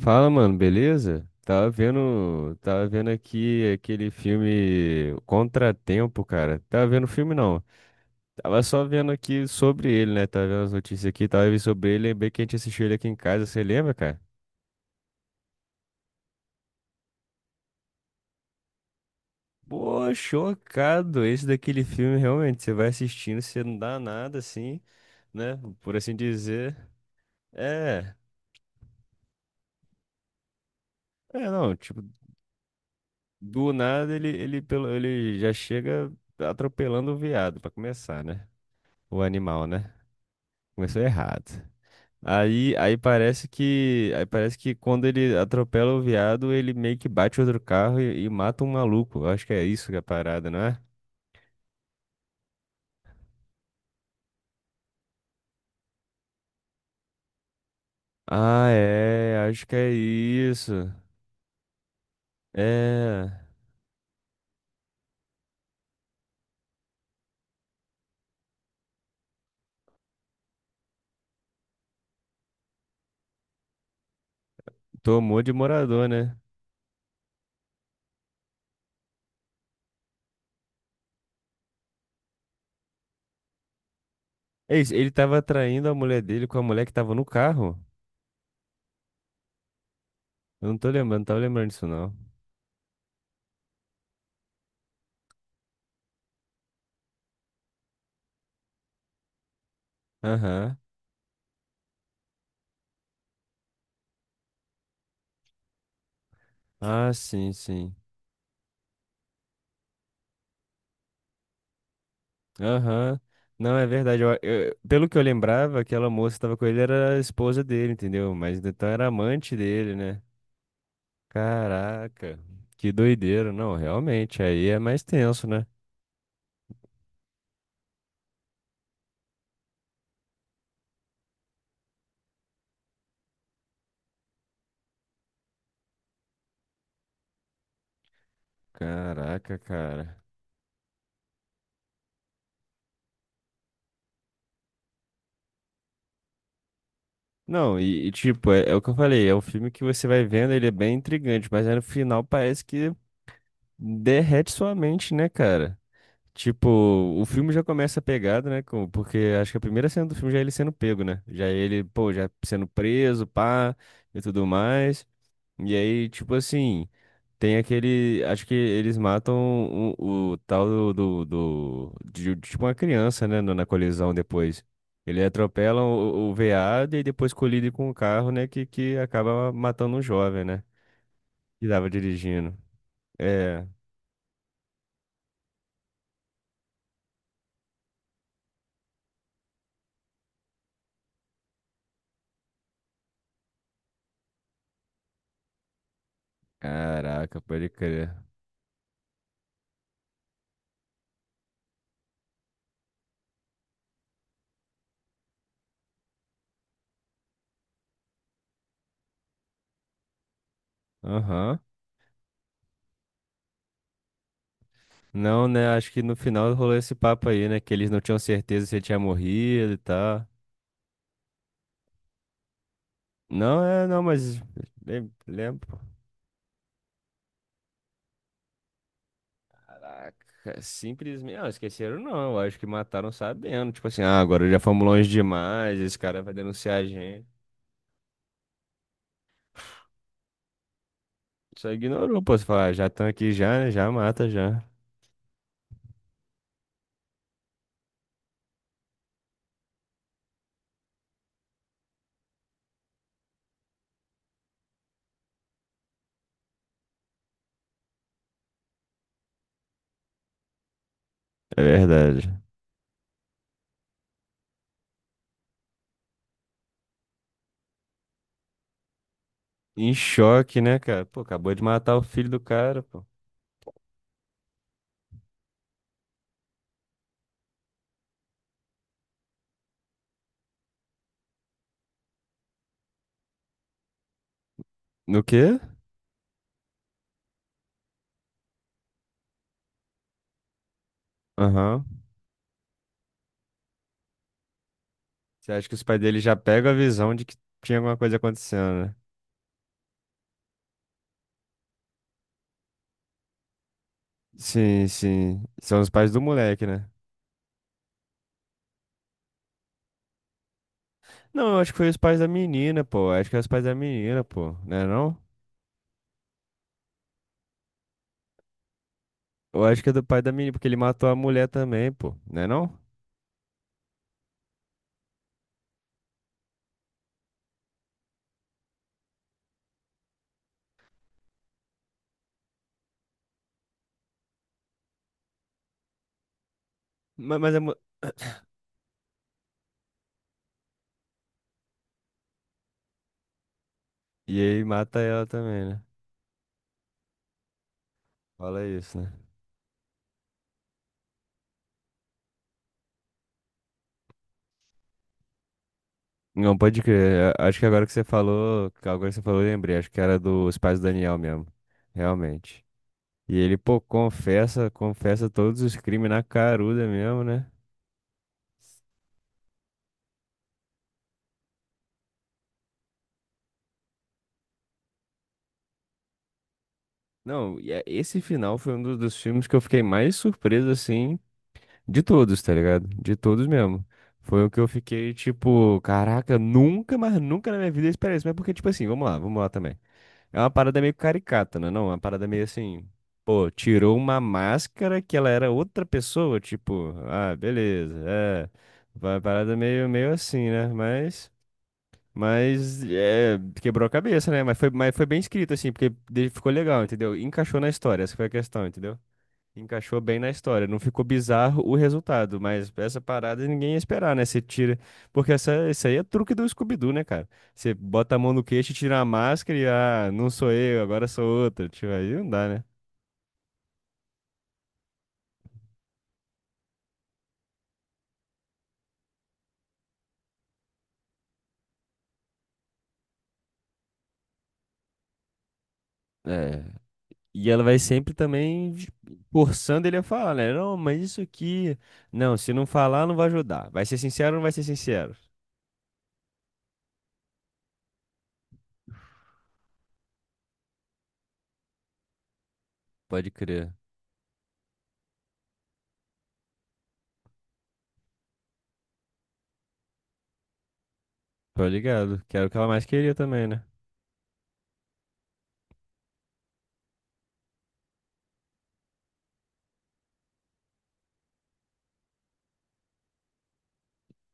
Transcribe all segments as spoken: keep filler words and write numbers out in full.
Fala, mano, beleza? Tava vendo, tava vendo aqui aquele filme Contratempo, cara. Tava vendo filme não. Tava só vendo aqui sobre ele, né? Tava vendo as notícias aqui, tava vendo sobre ele, lembrei que a gente assistiu ele aqui em casa, você lembra, cara? Pô, chocado. Esse daquele filme realmente, você vai assistindo, você não dá nada assim, né? Por assim dizer. É. É, não, tipo, do nada ele ele pelo ele já chega atropelando o veado pra começar, né? O animal, né? Começou errado. Aí, aí parece que, aí parece que quando ele atropela o viado, ele meio que bate outro carro e, e mata um maluco. Eu acho que é isso que é a parada, não é? Ah, é, acho que é isso. É, tomou de morador, né? É isso, ele tava traindo a mulher dele com a mulher que tava no carro? Eu não tô lembrando, não tava lembrando disso não. Aham. Ah, sim, sim. Aham. Não, é verdade. Eu- eu- pelo que eu lembrava, aquela moça que tava com ele era a esposa dele, entendeu? Mas então era amante dele, né? Caraca, que doideira. Não, realmente, aí é mais tenso, né? Caraca, cara. Não, e, e tipo, é, é o que eu falei, é um filme que você vai vendo, ele é bem intrigante, mas aí no final parece que derrete sua mente, né, cara? Tipo, o filme já começa pegado, né? com- Porque acho que a primeira cena do filme já é ele sendo pego, né? Já é ele, pô, já sendo preso, pá, e tudo mais. E aí, tipo assim, tem aquele. Acho que eles matam o, o tal do, do, do- de, de- tipo uma criança, né? Na na colisão depois. Ele atropela o, o veado e depois colide com o carro, né? Que, que acaba matando um jovem, né? Que tava dirigindo. É. Caraca, pode crer. Aham. Não, né? Acho que no final rolou esse papo aí, né? Que eles não tinham certeza se ele tinha morrido e tal. Não, é, não, mas. lem- Lembro. Caraca, simplesmente. Não, esqueceram não. Eu acho que mataram sabendo. Tipo assim, ah, agora já fomos longe demais. Esse cara vai denunciar a gente. Só ignorou, pô. Você fala, ah, já estão aqui já, né? Já mata já. É verdade. Em choque, né, cara? Pô, acabou de matar o filho do cara, pô. No quê? Aham. Você acha que os pais dele já pegam a visão de que tinha alguma coisa acontecendo, né? Sim, sim. São os pais do moleque, né? Não, eu acho que foi os pais da menina, pô. Eu acho que é os pais da menina, pô. Né não? Eu acho que é do pai da menina, porque ele matou a mulher também, pô. Né não? mas Mas, é... mu- E aí mata ela também, né? Fala isso, né? Não, pode crer. A- Acho que agora que você falou, que agora que você falou, eu lembrei. Acho que era dos pais do Daniel mesmo. Realmente. E ele, pô, confessa, confessa todos os crimes na caruda mesmo, né? Não, e é- esse final foi um do- dos filmes que eu fiquei mais surpreso, assim, de todos, tá ligado? De todos mesmo. Foi o que eu fiquei, tipo, caraca, nunca, mas nunca na minha vida eu esperei isso. Mas é porque, tipo assim, vamos lá, vamos lá também. É uma parada meio caricata, né? Não, é uma parada meio assim, pô, tirou uma máscara que ela era outra pessoa, tipo, ah, beleza, é. Uma parada meio, meio assim, né? Mas, mas, é, quebrou a cabeça, né? Mas foi, mas foi bem escrito, assim, porque de- ficou legal, entendeu? Encaixou na história, essa foi a questão, entendeu? Encaixou bem na história. Não ficou bizarro o resultado, mas essa parada ninguém ia esperar, né? Você tira. Porque essa, isso aí é truque do Scooby-Doo, né, cara? Você bota a mão no queixo, tira a máscara e, ah, não sou eu, agora sou outra. Tipo, aí não dá, né? É. E ela vai sempre também forçando ele a falar, né? Não, mas isso aqui. Não, se não falar, não vai ajudar. Vai ser sincero ou não vai ser sincero? Pode crer. Tô ligado. Que era o que ela mais queria também, né?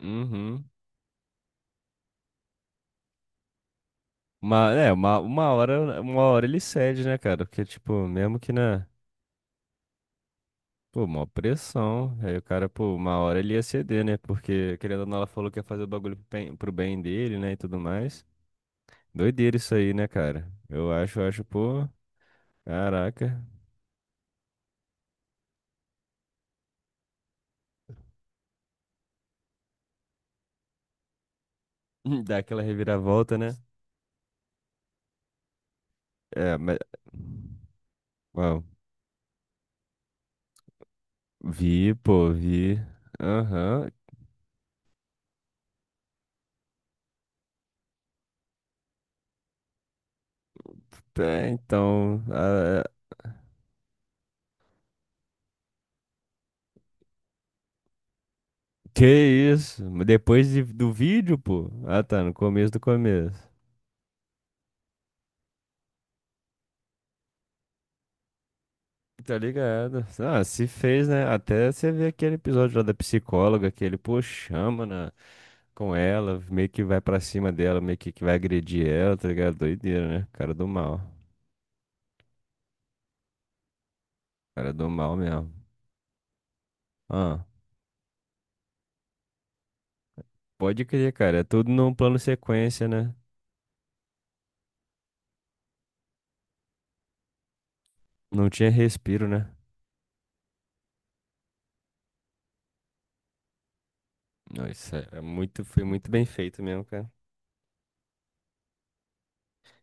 Uhum. Uma, é, uma, uma hora, uma hora ele cede, né, cara? Porque, tipo, mesmo que, né? Pô, uma pressão. Aí o cara, pô, uma hora ele ia ceder, né? Porque, querendo ou não, ela falou que ia fazer o bagulho pro bem, pro bem dele, né? E tudo mais. Doideira isso aí, né, cara? Eu acho, eu acho, pô. Caraca. Dá aquela reviravolta, né? É, mas. Uau. Vi, pô, vi. Aham. É, então. Ah, é. Que isso? Mas depois de- do vídeo, pô? Ah, tá, no começo do começo. Tá ligado? Ah, se fez, né? Até você vê aquele episódio lá da psicóloga que ele, pô, chama na, com ela, meio que vai pra cima dela, meio que, que vai agredir ela, tá ligado? Doideira, né? Cara do mal. Cara do mal mesmo. Ah, pode crer, cara. É tudo num plano sequência, né? Não tinha respiro, né? Não, isso é muito, foi muito bem feito mesmo, cara.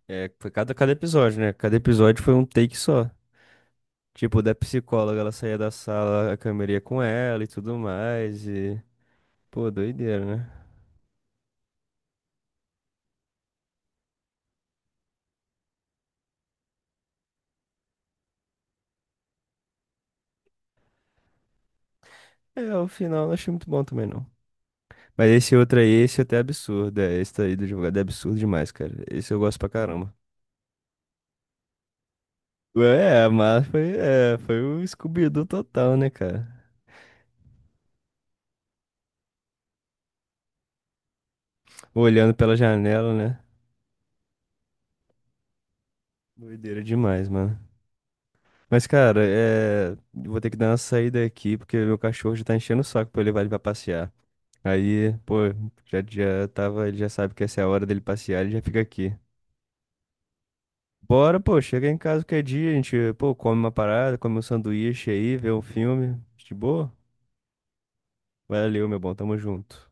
É, foi cada, cada episódio, né? Cada episódio foi um take só. Tipo, da psicóloga, ela saía da sala, a câmera ia com ela e tudo mais. Pô, doideira, né? É, o final eu não achei muito bom também, não. Mas esse outro aí, esse até é absurdo. É, esse aí do advogado é absurdo demais, cara. Esse eu gosto pra caramba. É, mas foi, é, foi o Scooby-Doo total, né, cara? Olhando pela janela, né? Doideira demais, mano. Mas, cara, é... eu vou ter que dar uma saída aqui, porque meu cachorro já tá enchendo o saco pra eu levar ele pra passear. Aí, pô, já, já tava, ele já sabe que essa é a hora dele passear, ele já fica aqui. Bora, pô, chega em casa qualquer dia, a gente, pô, come uma parada, come um sanduíche aí, vê um filme, de boa? Valeu, meu bom, tamo junto.